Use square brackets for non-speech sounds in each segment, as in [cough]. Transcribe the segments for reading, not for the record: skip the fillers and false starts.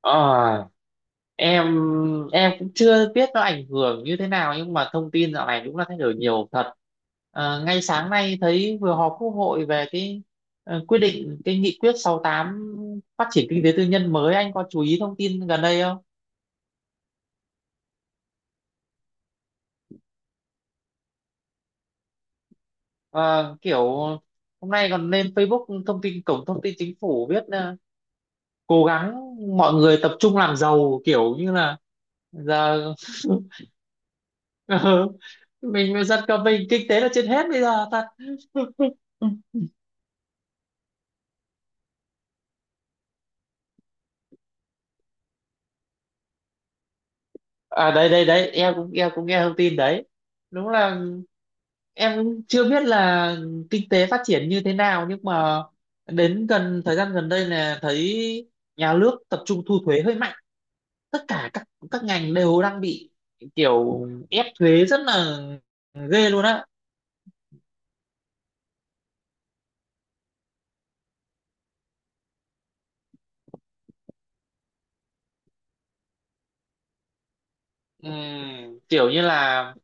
Ờ, em em cũng chưa biết nó ảnh hưởng như thế nào nhưng mà thông tin dạo này đúng là thay đổi nhiều thật. Ờ, ngay sáng nay thấy vừa họp Quốc hội về cái quyết định cái nghị quyết 68 phát triển kinh tế tư nhân mới, anh có chú ý thông tin gần đây không? Ờ, kiểu hôm nay còn lên Facebook, thông tin cổng thông tin chính phủ viết cố gắng mọi người tập trung làm giàu, kiểu như là giờ. [laughs] Ừ. Mình dân cả mình kinh tế là trên hết bây giờ thật. À đây đây đây, em cũng nghe thông tin đấy. Đúng là em cũng chưa biết là kinh tế phát triển như thế nào, nhưng mà đến gần thời gian gần đây là thấy nhà nước tập trung thu thuế hơi mạnh. Tất cả các ngành đều đang bị kiểu ép thuế rất là ghê luôn á. Kiểu như là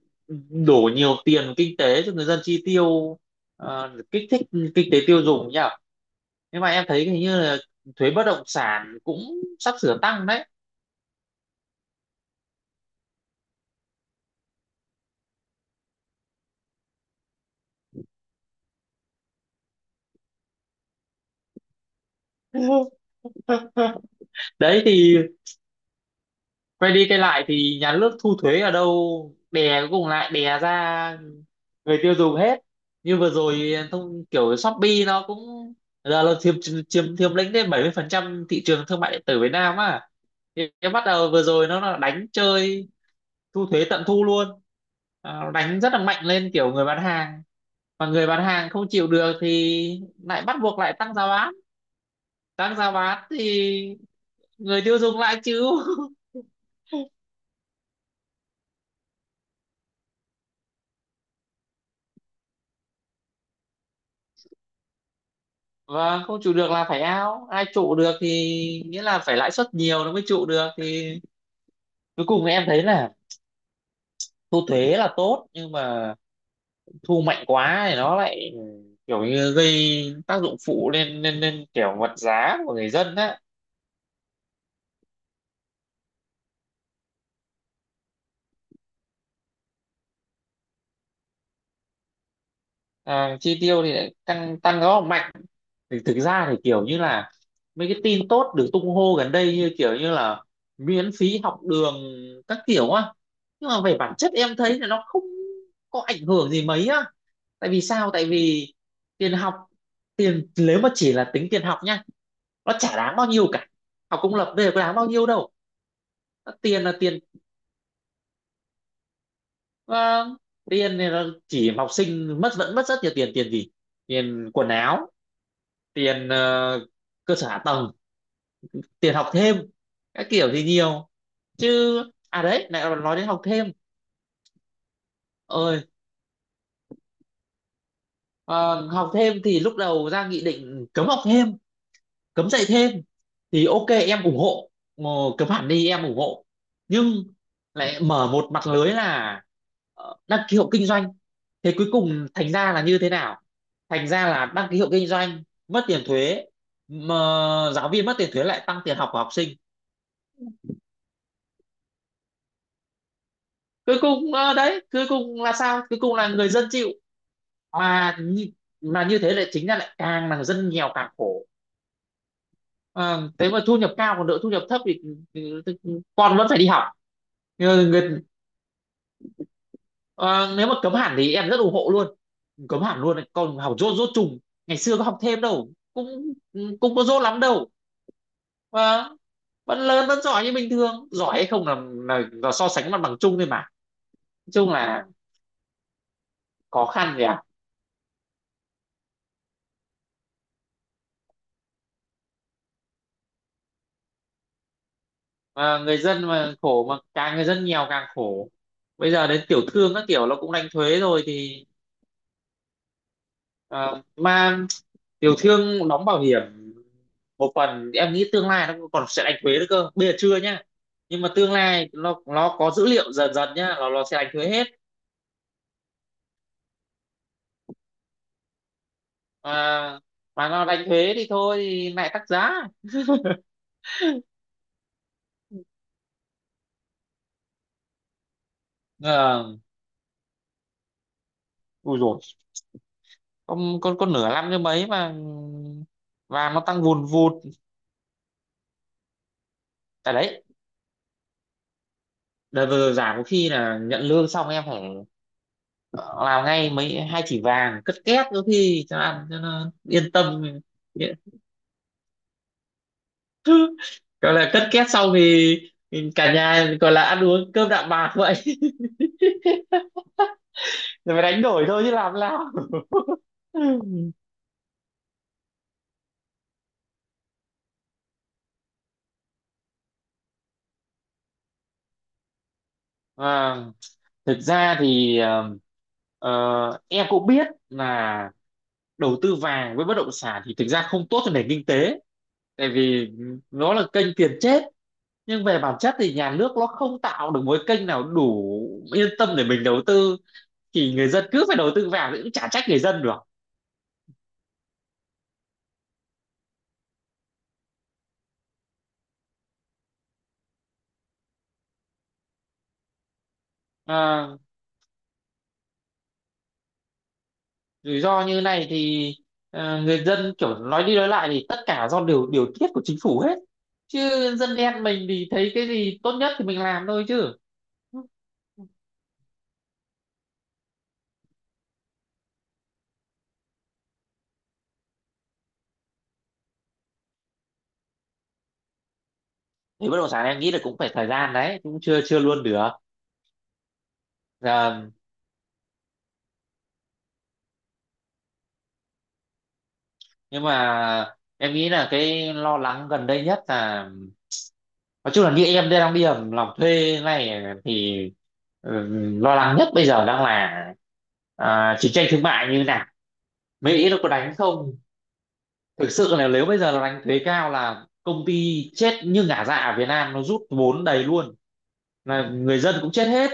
đổ nhiều tiền kinh tế cho người dân chi tiêu, kích thích kinh tế tiêu dùng nhỉ. Nhưng mà em thấy hình như là thuế bất động sản cũng sắp sửa tăng đấy. [laughs] Đấy thì quay đi quay lại thì nhà nước thu thuế ở đâu, đè cuối cùng lại đè ra người tiêu dùng hết. Như vừa rồi thông kiểu Shopee nó cũng giờ là chiếm chiếm chiếm lĩnh đến 70% thị trường thương mại điện tử Việt Nam á. Thì cái bắt đầu vừa rồi nó là đánh chơi thu thuế tận thu luôn. Ờ, đánh rất là mạnh lên kiểu người bán hàng, mà người bán hàng không chịu được thì lại bắt buộc lại tăng giá bán. Tăng giá bán thì người tiêu dùng lại chịu. [laughs] Và không trụ được là phải, ao ai trụ được thì nghĩa là phải lãi suất nhiều nó mới trụ được. Thì cuối cùng em thấy là thu thuế là tốt, nhưng mà thu mạnh quá thì nó lại kiểu như gây tác dụng phụ lên lên lên kiểu vật giá của người dân á. À, chi tiêu thì lại tăng tăng rất là mạnh. Thì thực ra thì kiểu như là mấy cái tin tốt được tung hô gần đây như kiểu như là miễn phí học đường các kiểu á. Nhưng mà về bản chất em thấy là nó không có ảnh hưởng gì mấy á. Tại vì sao? Tại vì tiền học, tiền nếu mà chỉ là tính tiền học nha, nó chả đáng bao nhiêu cả. Học công lập bây giờ có đáng bao nhiêu đâu. Nó tiền là tiền, ờ, tiền thì nó chỉ học sinh mất, vẫn mất rất nhiều tiền. Tiền gì? Tiền quần áo, tiền cơ sở hạ tầng, tiền học thêm các kiểu thì nhiều chứ. À đấy lại nói đến học thêm ơi. Ờ, Học thêm thì lúc đầu ra nghị định cấm học thêm, cấm dạy thêm thì ok, em ủng hộ. Ờ, cấm hẳn đi em ủng hộ, nhưng lại mở một mặt lưới là đăng ký hộ kinh doanh. Thế cuối cùng thành ra là như thế nào? Thành ra là đăng ký hộ kinh doanh mất tiền thuế, mà giáo viên mất tiền thuế lại tăng tiền học của học sinh. Cuối cùng đấy cuối cùng là sao? Cuối cùng là người dân chịu. Mà như, mà như thế lại chính ra lại càng là dân nghèo càng khổ. Ờ, thế mà thu nhập cao còn đỡ, thu nhập thấp thì con vẫn phải đi học. Ờ, nếu mà cấm hẳn thì em rất ủng hộ luôn, cấm hẳn luôn con học dốt dốt trùng. Ngày xưa có học thêm đâu, cũng cũng có dốt lắm đâu. Ờ, vẫn lớn vẫn giỏi như bình thường. Giỏi hay không là so sánh mặt bằng chung thôi mà, nói chung là khó khăn nhỉ. Mà người dân mà khổ, mà càng người dân nghèo càng khổ. Bây giờ đến tiểu thương các kiểu nó cũng đánh thuế rồi thì ờ, mà tiểu thương đóng bảo hiểm một phần, em nghĩ tương lai nó còn sẽ đánh thuế nữa cơ, bây giờ chưa nhá. Nhưng mà tương lai nó có dữ liệu dần dần nhá, nó sẽ đánh thuế hết. Mà mà nó đánh thuế thì thôi thì lại tăng giá. ờ Ui rồi, con nửa năm như mấy mà vàng nó tăng vùn vụt. Tại đấy đợt vừa rồi giảm có khi là nhận lương xong em phải, ờ, làm ngay mấy 2 chỉ vàng cất két có khi cho ăn, cho nó yên tâm. Gọi là cất két xong thì cả nhà gọi là ăn uống cơm đạm bạc vậy. [laughs] Rồi phải đánh đổi thôi chứ làm sao. À, [laughs] thực ra thì em cũng biết là đầu tư vàng với bất động sản thì thực ra không tốt cho nền kinh tế. Tại vì nó là kênh tiền chết. Nhưng về bản chất thì nhà nước nó không tạo được một cái kênh nào đủ yên tâm để mình đầu tư. Thì người dân cứ phải đầu tư vào thì cũng chả trách người dân được. À, rủi ro như này thì người dân kiểu nói đi nói lại thì tất cả do điều điều tiết của chính phủ hết. Chứ dân đen mình thì thấy cái gì tốt nhất thì mình làm thôi chứ. Thì bất động sản em nghĩ là cũng phải thời gian, đấy cũng chưa chưa luôn được. Dạ, nhưng mà em nghĩ là cái lo lắng gần đây nhất là, nói chung là như em đang đi làm thuê này thì ừ, lo lắng nhất bây giờ đang là chiến tranh thương mại như nào. Mỹ nó có đánh không? Thực sự là nếu bây giờ nó đánh thuế cao là công ty chết như ngả, dạ ở Việt Nam nó rút vốn đầy luôn, là người dân cũng chết hết,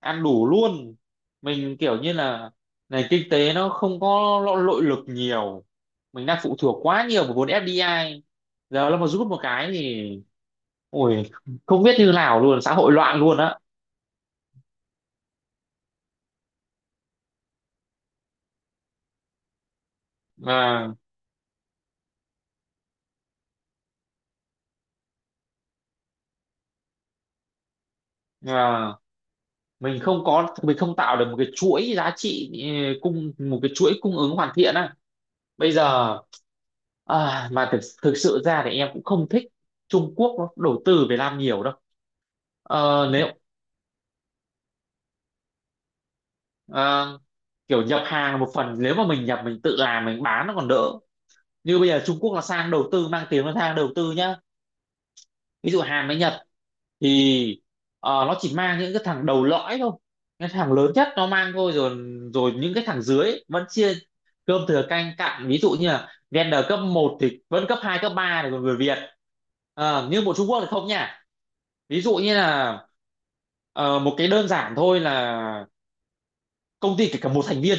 ăn đủ luôn. Mình kiểu như là nền kinh tế nó không có nội lực nhiều. Mình đang phụ thuộc quá nhiều vào vốn FDI, giờ nó mà rút một cái thì ôi, không biết như nào luôn, xã hội loạn luôn á. à, à, mình không tạo được một cái chuỗi giá trị, ừ, cung một cái chuỗi cung ứng hoàn thiện á. Bây giờ mà thực thực sự ra thì em cũng không thích Trung Quốc nó đầu tư Việt Nam nhiều đâu. Ờ, à, kiểu nhập hàng một phần, nếu mà mình nhập mình tự làm mình bán nó còn đỡ. Như bây giờ Trung Quốc là sang đầu tư, mang tiếng nó sang đầu tư nhá, ví dụ Hàn với Nhật thì nó chỉ mang những cái thằng đầu lõi thôi, cái thằng lớn nhất nó mang thôi rồi. Rồi những cái thằng dưới ấy vẫn chia cơm thừa canh cặn, ví dụ như là Vendor cấp một thì vẫn cấp 2 cấp 3 này, còn người Việt. Ờ, nhưng bộ Trung Quốc thì không nha. Ví dụ như là một cái đơn giản thôi là công ty kể cả một thành viên,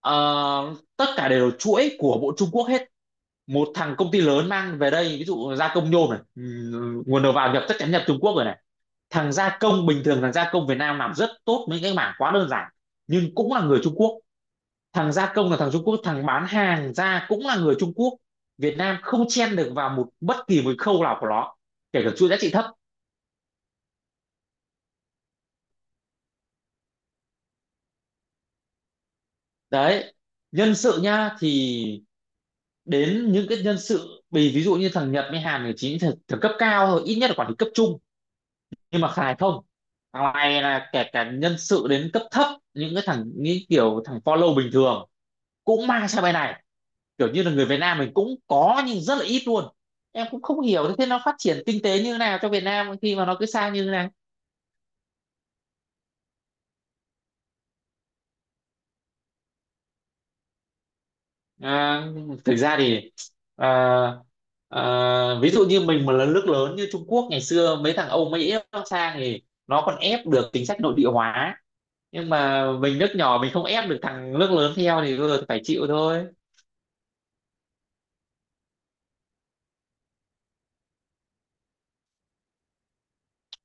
ờ, tất cả đều là chuỗi của bộ Trung Quốc hết. Một thằng công ty lớn mang về đây ví dụ gia công nhôm này, nguồn đầu vào nhập chắc chắn nhập Trung Quốc rồi này. Thằng gia công bình thường, thằng gia công Việt Nam làm rất tốt mấy cái mảng quá đơn giản, nhưng cũng là người Trung Quốc. Thằng gia công là thằng Trung Quốc, thằng bán hàng ra cũng là người Trung Quốc. Việt Nam không chen được vào một bất kỳ một khâu nào của nó, kể cả chuỗi giá trị thấp. Đấy nhân sự nhá, thì đến những cái nhân sự, vì ví dụ như thằng Nhật với Hàn thì chỉ thằng cấp cao thôi, ít nhất là quản lý cấp trung. Nhưng mà Khải không, thằng này là kể cả nhân sự đến cấp thấp, những cái thằng như kiểu thằng follow bình thường cũng mang sang bên này. Kiểu như là người Việt Nam mình cũng có nhưng rất là ít luôn. Em cũng không hiểu thế nó phát triển kinh tế như thế nào cho Việt Nam khi mà nó cứ sang như thế này. À, thực ra thì à, ví dụ như mình mà là nước lớn như Trung Quốc, ngày xưa mấy thằng Âu Mỹ nó sang thì nó còn ép được chính sách nội địa hóa. Nhưng mà mình nước nhỏ, mình không ép được thằng nước lớn theo thì vừa phải chịu thôi.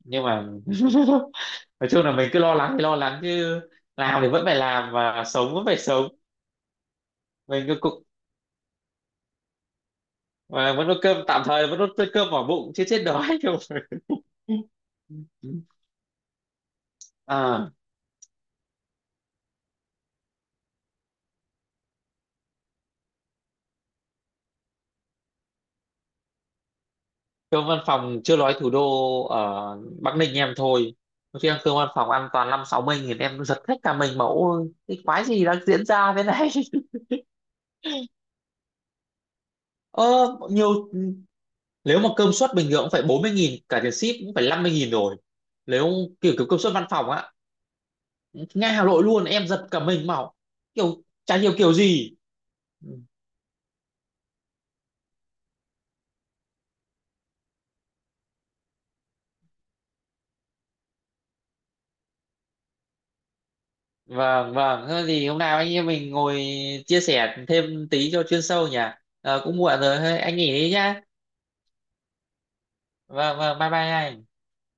Nhưng mà [laughs] nói chung là mình cứ lo lắng thì lo lắng chứ, làm thì vẫn phải làm và sống vẫn phải sống. Mình cứ cục và vẫn có cơm tạm thời vẫn có cơm vào bụng chứ chết đói đâu. [laughs] À cơm văn phòng chưa nói thủ đô, ở Bắc Ninh em thôi. Có khi ăn cơm văn phòng ăn toàn năm sáu mươi nghìn, em giật hết cả mình. Mẫu ơi, cái quái gì đang diễn ra thế này! [laughs] Ờ, nhiều. Nếu mà cơm suất bình thường cũng phải 40.000, cả tiền ship cũng phải 50.000 rồi. Nếu kiểu kiểu cơm suất văn phòng á, ngay Hà Nội luôn, em giật cả mình màu, kiểu chả hiểu kiểu gì. Vâng, vâng, thế thì hôm nào anh em mình ngồi chia sẻ thêm tí cho chuyên sâu nhỉ. Ờ, cũng muộn rồi, thôi anh nghỉ đi nhá. Vâng, vâng, bye bye anh.